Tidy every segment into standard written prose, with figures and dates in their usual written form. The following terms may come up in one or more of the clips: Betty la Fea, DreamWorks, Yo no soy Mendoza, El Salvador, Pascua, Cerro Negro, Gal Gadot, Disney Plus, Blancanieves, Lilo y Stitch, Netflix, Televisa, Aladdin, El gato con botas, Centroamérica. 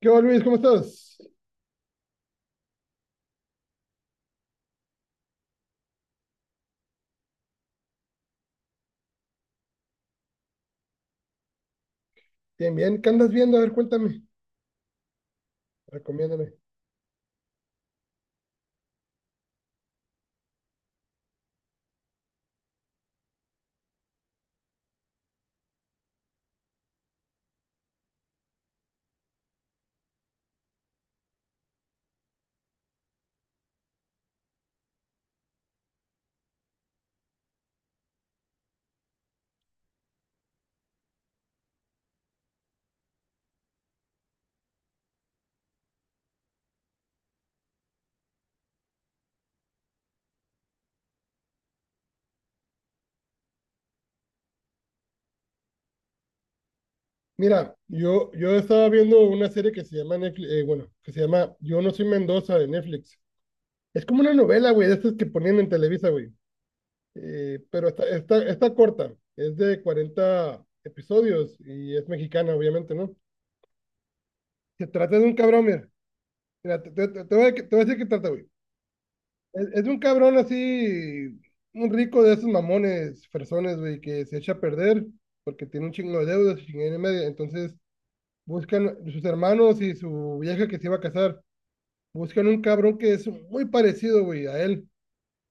¿Qué onda, Luis? ¿Cómo estás? Bien, bien. ¿Qué andas viendo? A ver, cuéntame. Recomiéndame. Mira, yo estaba viendo una serie que se llama Netflix, bueno, que se llama Yo no soy Mendoza de Netflix. Es como una novela, güey, de estas que ponían en Televisa, güey. Pero está corta. Es de 40 episodios y es mexicana, obviamente, ¿no? Se trata de un cabrón, mira. Mira, te voy a decir qué trata, güey. Es un cabrón así, un rico de esos mamones, personas, güey, que se echa a perder porque tiene un chingo de deudas y chingada y media. Entonces buscan sus hermanos y su vieja que se iba a casar, buscan un cabrón que es muy parecido, güey, a él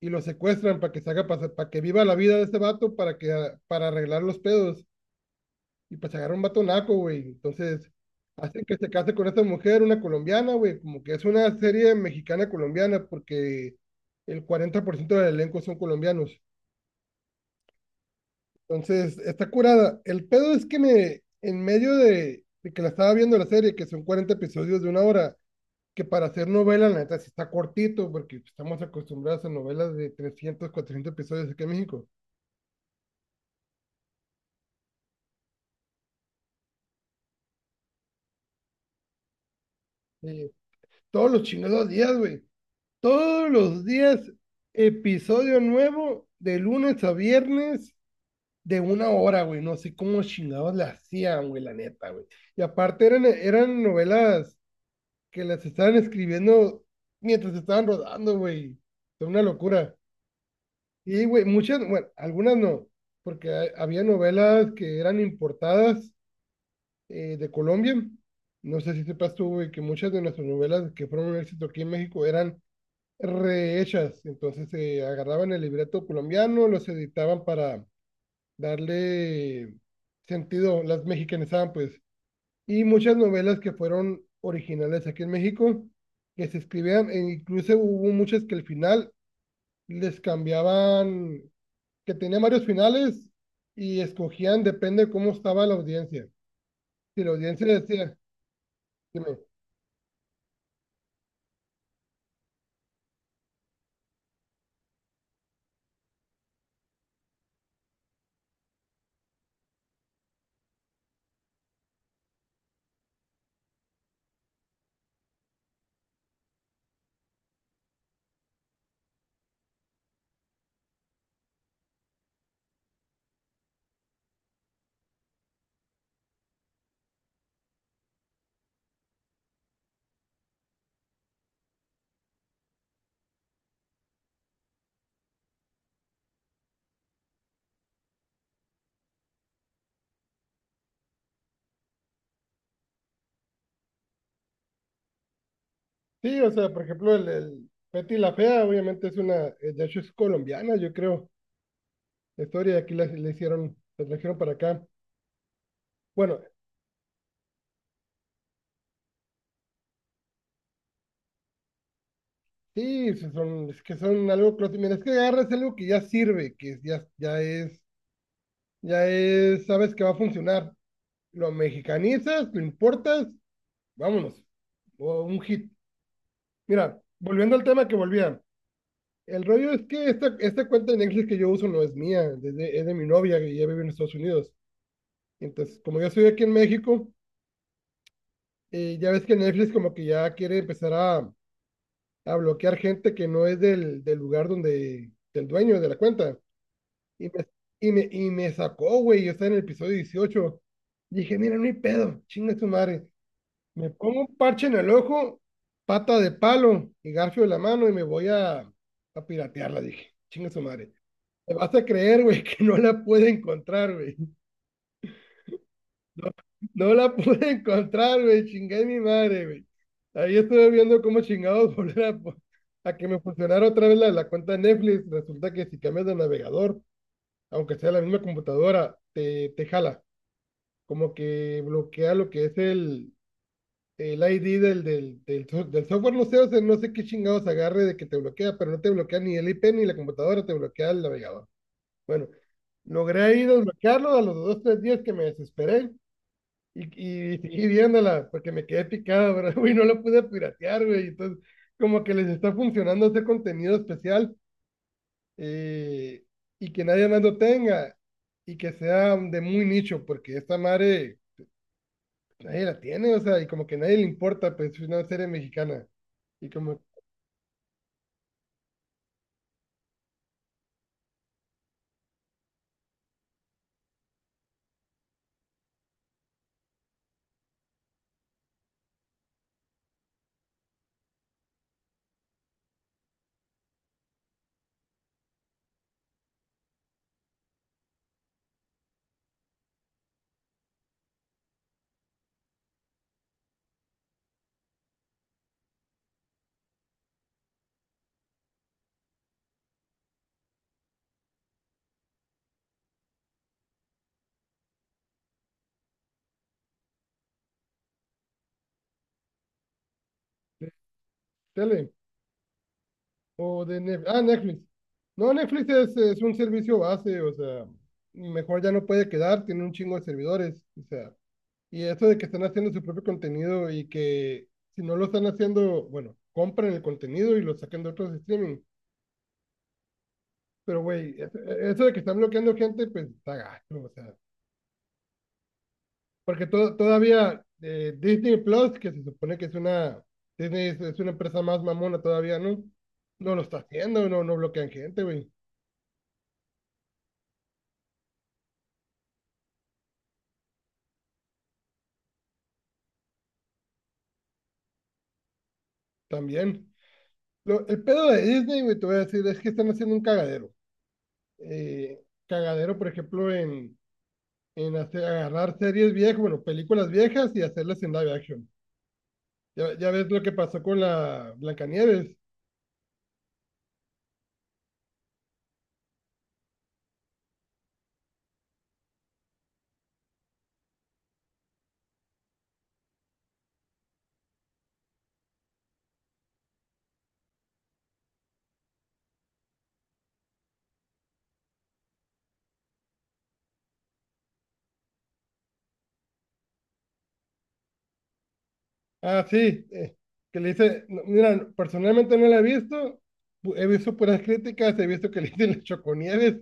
y lo secuestran para que se haga pasar, para que viva la vida de este vato para que para arreglar los pedos y pues agarra un vato naco, güey. Entonces hacen que se case con esta mujer, una colombiana, güey. Como que es una serie mexicana-colombiana porque el 40% del elenco son colombianos. Entonces está curada. El pedo es que me, en medio de que la estaba viendo la serie, que son 40 episodios de una hora, que para hacer novela, la neta, sí está cortito, porque estamos acostumbrados a novelas de 300 400 episodios aquí en México. Eh, Todos los chingados días, güey. Todos los días, episodio nuevo, de lunes a viernes, de una hora, güey. No sé cómo chingados la hacían, güey, la neta, güey. Y aparte eran novelas que las estaban escribiendo mientras estaban rodando, güey. Fue una locura. Y, güey, muchas, bueno, algunas no, porque había novelas que eran importadas de Colombia. No sé si sepas tú, güey, que muchas de nuestras novelas que fueron un éxito aquí en México eran rehechas. Entonces agarraban el libreto colombiano, los editaban para darle sentido, las mexicanizaban pues. Y muchas novelas que fueron originales aquí en México, que se escribían, e incluso hubo muchas que al final les cambiaban, que tenían varios finales y escogían, depende de cómo estaba la audiencia. Si la audiencia decía, dime, sí, o sea, por ejemplo, el Betty la Fea, obviamente es una, de hecho es colombiana, yo creo la historia y aquí la hicieron, la trajeron para acá. Bueno, sí, sí son, es que son algo clásico. Mira, es que agarras algo que ya sirve, que ya, ya es, sabes que va a funcionar. Lo mexicanizas, lo importas, vámonos. O un hit. Mira, volviendo al tema que volvía. El rollo es que esta cuenta de Netflix que yo uso no es mía, desde, es de mi novia que ya vive en Estados Unidos. Entonces, como yo estoy aquí en México, ya ves que Netflix como que ya quiere empezar a bloquear gente que no es del lugar donde, del dueño de la cuenta. Y me, y me sacó, güey, yo estaba en el episodio dieciocho. Dije, mira, no hay pedo, chinga tu madre. Me pongo un parche en el ojo, pata de palo y garfio de la mano y me voy a piratearla, dije, chinga su madre. Te vas a creer, güey, que no la puede encontrar, güey. No la pude encontrar, güey. Chingué mi madre, güey. Ahí estuve viendo cómo chingados volver a, a que me funcionara otra vez la cuenta de Netflix. Resulta que si cambias de navegador, aunque sea la misma computadora, te jala. Como que bloquea lo que es el ID del software. No sé, o sea, no sé qué chingados agarre de que te bloquea, pero no te bloquea ni el IP ni la computadora, te bloquea el navegador. Bueno, logré ahí desbloquearlo a los dos, tres días que me desesperé. Y, y, y viéndola, porque me quedé picado, ¿verdad? Güey, no la pude piratear, güey. Entonces, como que les está funcionando este contenido especial, eh, y que nadie más lo tenga y que sea de muy nicho, porque esta madre pues, nadie la tiene, o sea, y como que nadie le importa, pues es una serie mexicana. Y como de tele o de Netflix. Ah, Netflix. No, Netflix es un servicio base, o sea, mejor ya no puede quedar, tiene un chingo de servidores, o sea. Y eso de que están haciendo su propio contenido y que si no lo están haciendo, bueno, compren el contenido y lo saquen de otros streaming. Pero, güey, eso de que están bloqueando gente, pues está gacho, o sea. Porque todavía Disney Plus, que se supone que es una, Disney es una empresa más mamona todavía, ¿no? No lo está haciendo, no, no bloquean gente, güey. También. El pedo de Disney, güey, te voy a decir, es que están haciendo un cagadero. Eh, Cagadero, por ejemplo, en hacer, agarrar series viejas, bueno, películas viejas y hacerlas en live action. Ya ves lo que pasó con la Blancanieves. Ah, sí, que le dice, no, mira, personalmente no la he visto, he visto puras críticas, he visto que le dicen las Choconieves.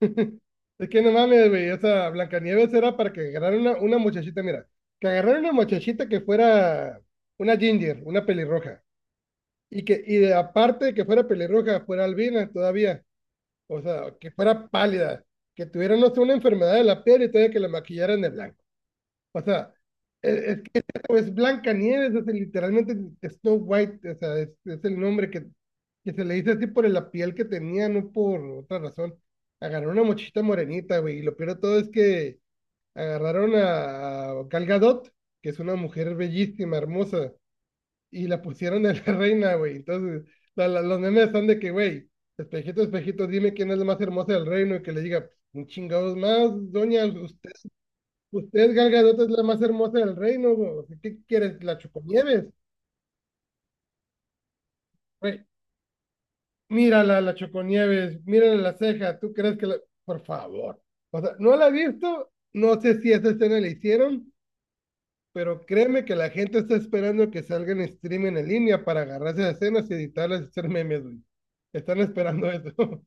Es que no mames, güey, esa Blancanieves era para que agarraran una muchachita, mira, que agarraran una muchachita que fuera una ginger, una pelirroja, aparte de que fuera pelirroja, fuera albina todavía. O sea, que fuera pálida, que tuviera, no sé, una enfermedad de la piel y todavía que la maquillaran de blanco. O sea, es, es, es Blanca Nieves, es literalmente Snow White, o sea, es el nombre que se le dice así por la piel que tenía, no por otra razón. Agarraron una mochita morenita, güey, y lo peor de todo es que agarraron a Gal Gadot, que es una mujer bellísima, hermosa, y la pusieron de la reina, güey. Entonces, los memes son de que, güey, espejito, espejito, dime quién es la más hermosa del reino y que le diga, un chingados más, doña, usted, usted Gal Gadot es la más hermosa del reino, güey. ¿Qué quieres? ¿La Choconieves? Güey, mírala, la Choconieves, mírala la ceja, ¿tú crees que la...? Por favor. O sea, no la he visto, no sé si esa escena la hicieron, pero créeme que la gente está esperando que salgan streaming en línea para agarrar esas escenas y editarlas y hacer memes, güey. Están esperando eso.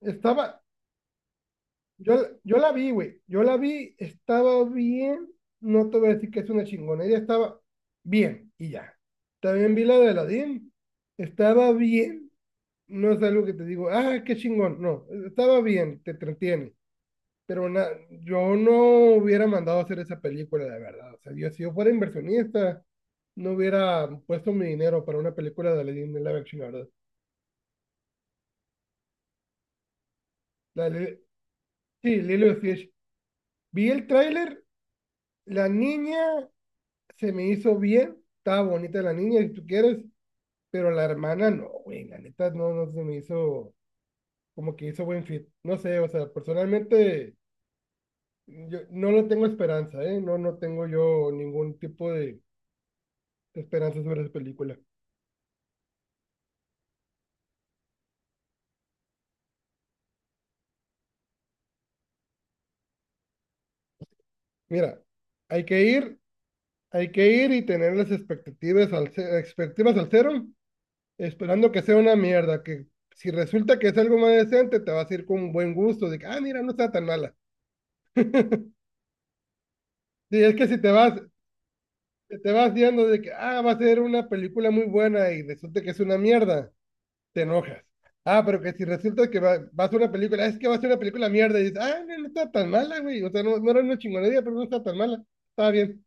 Estaba, yo, yo la vi, güey. Yo la vi, estaba bien. No te voy a decir que es una chingonería, estaba bien y ya. También vi la de Aladdin. Estaba bien. No es algo que te digo, ah, qué chingón. No, estaba bien, te entretiene. Pero yo no hubiera mandado a hacer esa película, la verdad. O sea, yo, si yo fuera inversionista, no hubiera puesto mi dinero para una película de Lady live action, la verdad. La de- sí, Lilo y Stitch. Vi el tráiler, la niña se me hizo bien, estaba bonita la niña, si tú quieres, pero la hermana no, güey, la neta no, no se me hizo como que hizo buen fit. No sé, o sea, personalmente yo no le tengo esperanza, ¿eh? No, no tengo yo ningún tipo de esperanza sobre esa película. Mira, hay que ir, hay que ir y tener las expectativas expectativas al cero, esperando que sea una mierda, que si resulta que es algo más decente, te vas a ir con un buen gusto, de que, ah, mira, no está tan mala. Sí, es que si te vas viendo de que, ah, va a ser una película muy buena y resulta que es una mierda, te enojas. Ah, pero que si resulta que va a ser una película, es que va a ser una película mierda, y dices, ah, no, no está tan mala, güey, o sea, no, no era una chingonería, pero no está tan mala, está bien.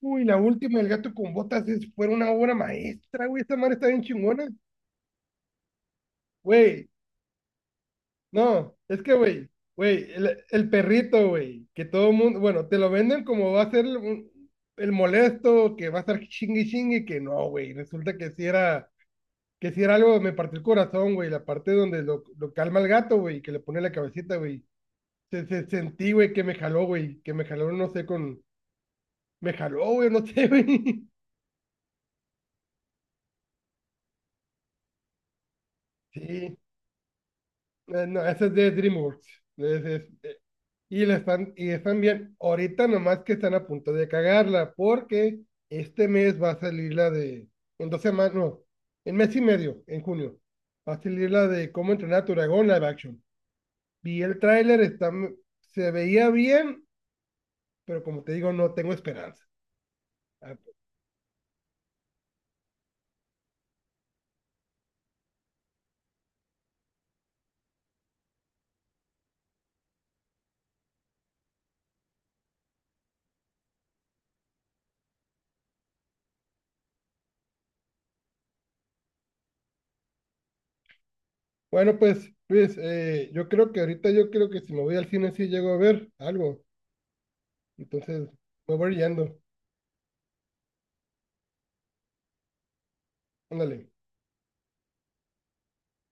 Uy, la última, El gato con botas, fue una obra maestra, güey. Esa madre está bien chingona. Güey, no, es que, el perrito, güey, que todo mundo, bueno, te lo venden como va a ser molesto, que va a estar chingue y chingue, que no, güey. Resulta que si era algo, me partió el corazón, güey. La parte donde lo calma el gato, güey, que le pone la cabecita, güey. Se sentí, güey, que me jaló, no sé, con, me jaló, güey, no sé, güey. Sí, No, ese es de DreamWorks. Es- es- eh, y, la están, y están bien. Ahorita nomás que están a punto de cagarla, porque este mes va a salir la de, en dos semanas, no, en mes y medio, en junio, va a salir la de cómo entrenar a tu dragón live action. Vi el tráiler, está, se veía bien, pero como te digo, no tengo esperanza. Ah, bueno, pues, Luis, yo creo que ahorita yo creo que si me voy al cine sí llego a ver algo. Entonces, me voy yendo. Ándale.